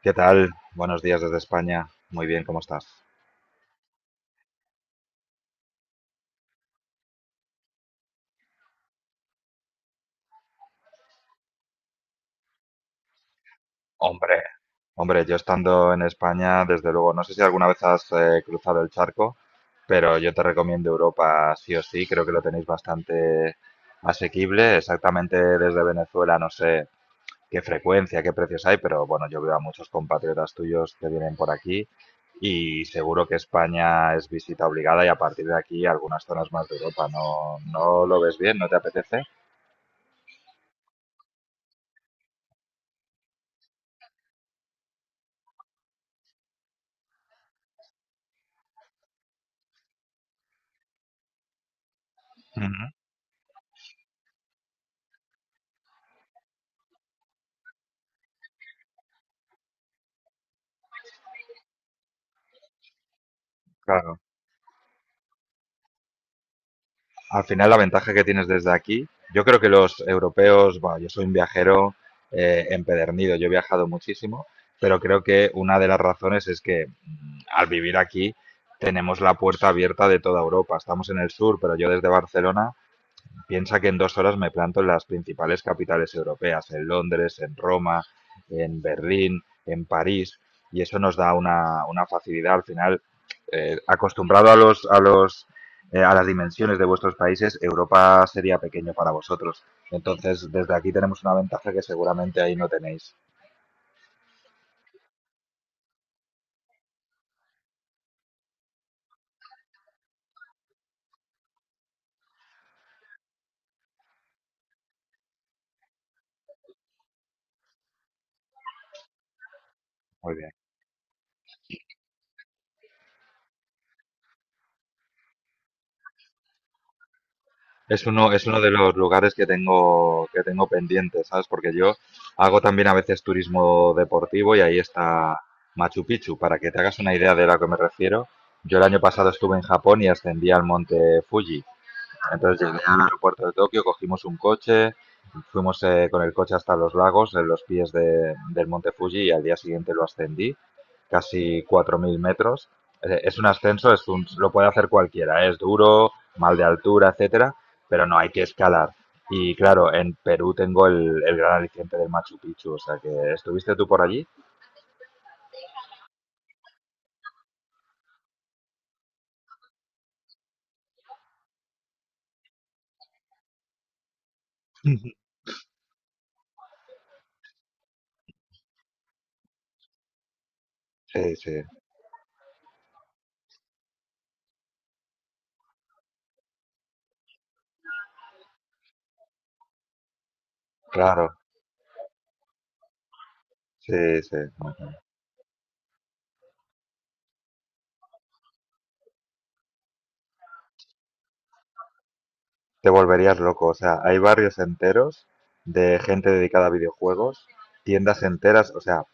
¿Qué tal? Buenos días desde España. Muy bien, ¿cómo estás? Hombre, Hombre, yo estando en España, desde luego, no sé si alguna vez has cruzado el charco, pero yo te recomiendo Europa sí o sí, creo que lo tenéis bastante asequible. Exactamente desde Venezuela, no sé qué frecuencia, qué precios hay, pero bueno, yo veo a muchos compatriotas tuyos que vienen por aquí y seguro que España es visita obligada y a partir de aquí algunas zonas más de Europa. ¿No lo ves bien? ¿No te apetece? Ujú. Claro, al final la ventaja que tienes desde aquí, yo creo que los europeos, bueno, yo soy un viajero empedernido, yo he viajado muchísimo, pero creo que una de las razones es que al vivir aquí tenemos la puerta abierta de toda Europa. Estamos en el sur, pero yo desde Barcelona piensa que en 2 horas me planto en las principales capitales europeas, en Londres, en Roma, en Berlín, en París, y eso nos da una facilidad al final. Acostumbrado a a las dimensiones de vuestros países, Europa sería pequeño para vosotros. Entonces, desde aquí tenemos una ventaja que seguramente ahí no tenéis. Muy bien. Es uno de los lugares que tengo pendiente, ¿sabes? Porque yo hago también a veces turismo deportivo y ahí está Machu Picchu. Para que te hagas una idea de lo que me refiero, yo el año pasado estuve en Japón y ascendí al monte Fuji. Vale, entonces llegué al aeropuerto de Tokio, cogimos un coche, fuimos con el coche hasta los lagos, en los del monte Fuji, y al día siguiente lo ascendí, casi 4.000 metros. Es un ascenso, es un, lo puede hacer cualquiera, ¿eh? Es duro, mal de altura, etcétera, pero no hay que escalar. Y claro, en Perú tengo el gran aliciente del Machu Picchu, o sea que, ¿estuviste tú por allí? Sí, sí, claro, sí, sí. Te volverías loco. O sea, hay barrios enteros de gente dedicada a videojuegos, tiendas enteras, o sea,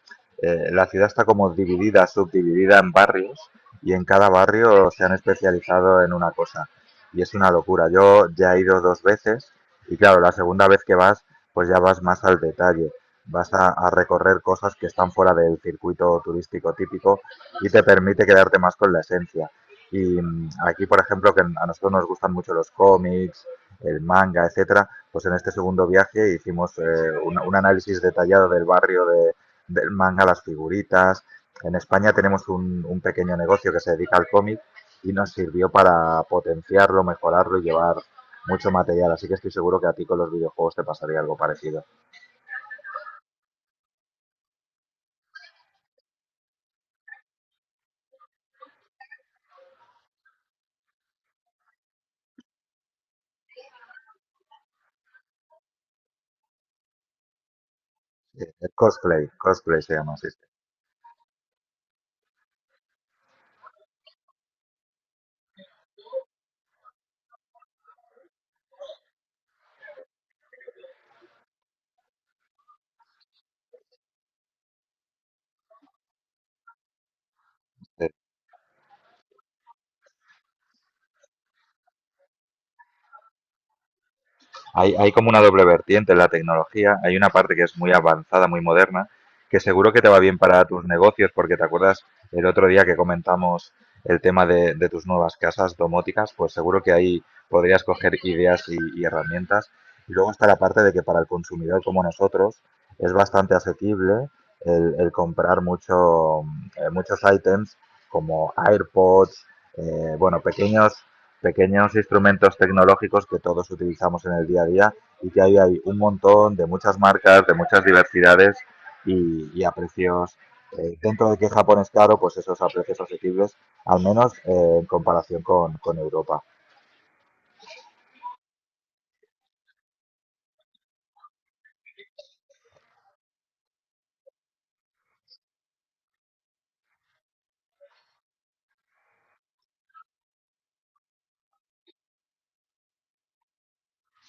la ciudad está como dividida, subdividida en barrios y en cada barrio se han especializado en una cosa. Y es una locura. Yo ya he ido dos veces y claro, la segunda vez que vas, pues ya vas más al detalle. A recorrer cosas que están fuera del circuito turístico típico y te permite quedarte más con la esencia. Y aquí, por ejemplo, que a nosotros nos gustan mucho los cómics, el manga, etcétera, pues en este segundo viaje hicimos análisis detallado del barrio del manga, las figuritas. En España tenemos un pequeño negocio que se dedica al cómic y nos sirvió para potenciarlo, mejorarlo y llevar mucho material. Así que estoy seguro que a ti con los videojuegos te pasaría algo parecido. El cosplay, cosplay se llama así. Hay como una doble vertiente en la tecnología. Hay una parte que es muy avanzada, muy moderna, que seguro que te va bien para tus negocios, porque te acuerdas el otro día que comentamos el tema de tus nuevas casas domóticas, pues seguro que ahí podrías coger ideas y herramientas. Y luego está la parte de que para el consumidor como nosotros es bastante asequible el comprar mucho, muchos ítems como AirPods, bueno, pequeños instrumentos tecnológicos que todos utilizamos en el día a día y que ahí hay un montón de muchas marcas, de muchas diversidades y a precios, dentro de que Japón es caro, pues esos a precios asequibles, al menos en comparación con Europa.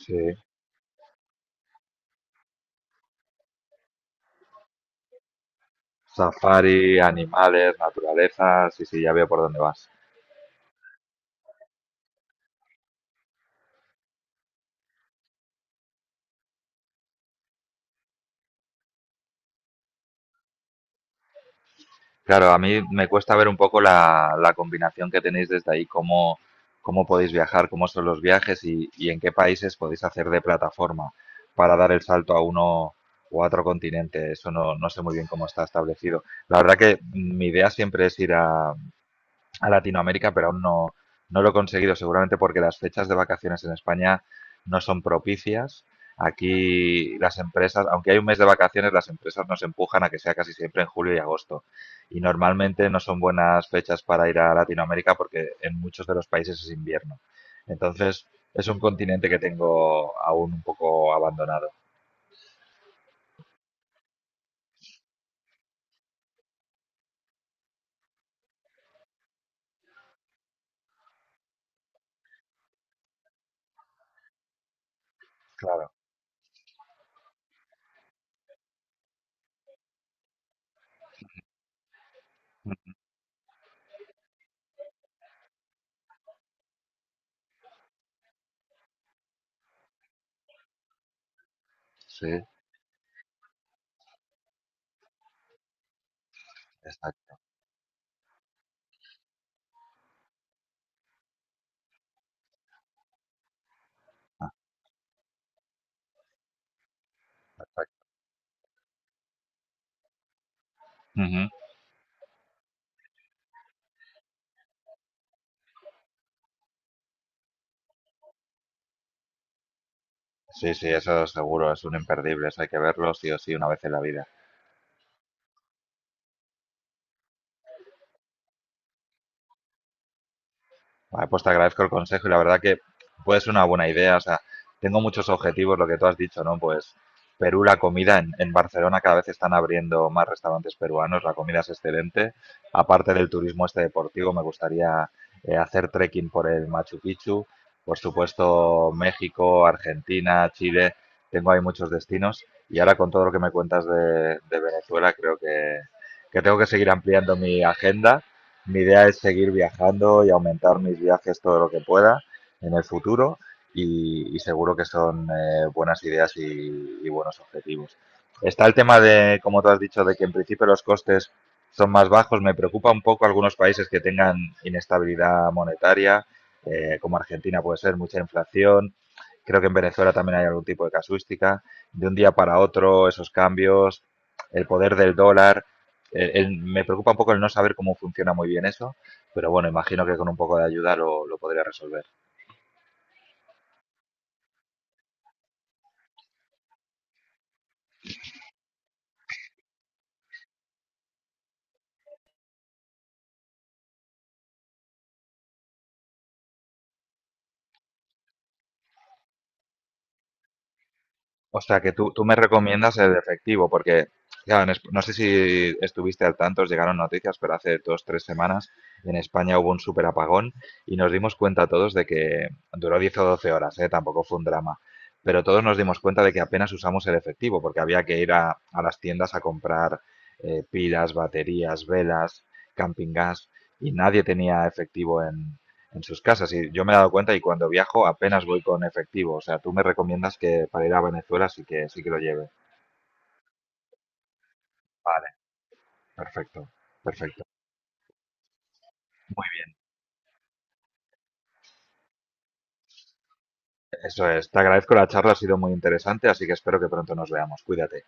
Sí, safari, animales, naturaleza, sí, sí, ya veo por dónde vas. Claro, a mí me cuesta ver un poco la combinación que tenéis desde ahí, cómo, cómo podéis viajar, cómo son los viajes y en qué países podéis hacer de plataforma para dar el salto a uno o a otro continente. Eso no sé muy bien cómo está establecido. La verdad que mi idea siempre es ir a Latinoamérica, pero aún no, no lo he conseguido, seguramente porque las fechas de vacaciones en España no son propicias. Aquí las empresas, aunque hay un mes de vacaciones, las empresas nos empujan a que sea casi siempre en julio y agosto. Y normalmente no son buenas fechas para ir a Latinoamérica porque en muchos de los países es invierno. Entonces, es un continente que tengo aún un poco abandonado. Claro. Sí, exacto. Exacto. Ujú. Sí, sí, eso seguro, es un imperdible, eso hay que verlo sí o sí una vez en la vida. Vale, pues te agradezco el consejo y la verdad que puede ser una buena idea. O sea, tengo muchos objetivos, lo que tú has dicho, ¿no? Pues Perú, la comida en Barcelona cada vez están abriendo más restaurantes peruanos, la comida es excelente. Aparte del turismo este deportivo, me gustaría hacer trekking por el Machu Picchu. Por supuesto, México, Argentina, Chile, tengo ahí muchos destinos. Y ahora con todo lo que me cuentas de Venezuela, creo que tengo que seguir ampliando mi agenda. Mi idea es seguir viajando y aumentar mis viajes todo lo que pueda en el futuro y seguro que son buenas ideas y buenos objetivos. Está el tema de, como tú has dicho, de que en principio los costes son más bajos. Me preocupa un poco algunos países que tengan inestabilidad monetaria, como Argentina puede ser, mucha inflación. Creo que en Venezuela también hay algún tipo de casuística. De un día para otro, esos cambios, el poder del dólar, me preocupa un poco el no saber cómo funciona muy bien eso, pero bueno, imagino que con un poco de ayuda lo podría resolver. O sea, que tú me recomiendas el efectivo, porque, claro, en no sé si estuviste al tanto, os llegaron noticias, pero hace 2, 3 semanas en España hubo un súper apagón y nos dimos cuenta todos de que duró 10 o 12 horas, ¿eh? Tampoco fue un drama, pero todos nos dimos cuenta de que apenas usamos el efectivo, porque había que ir a las tiendas a comprar pilas, baterías, velas, camping gas, y nadie tenía efectivo en sus casas. Y yo me he dado cuenta y cuando viajo apenas voy con efectivo. O sea, tú me recomiendas que para ir a Venezuela sí sí que lo lleve. Vale, perfecto, perfecto. Muy bien. Eso es. Te agradezco la charla, ha sido muy interesante, así que espero que pronto nos veamos. Cuídate.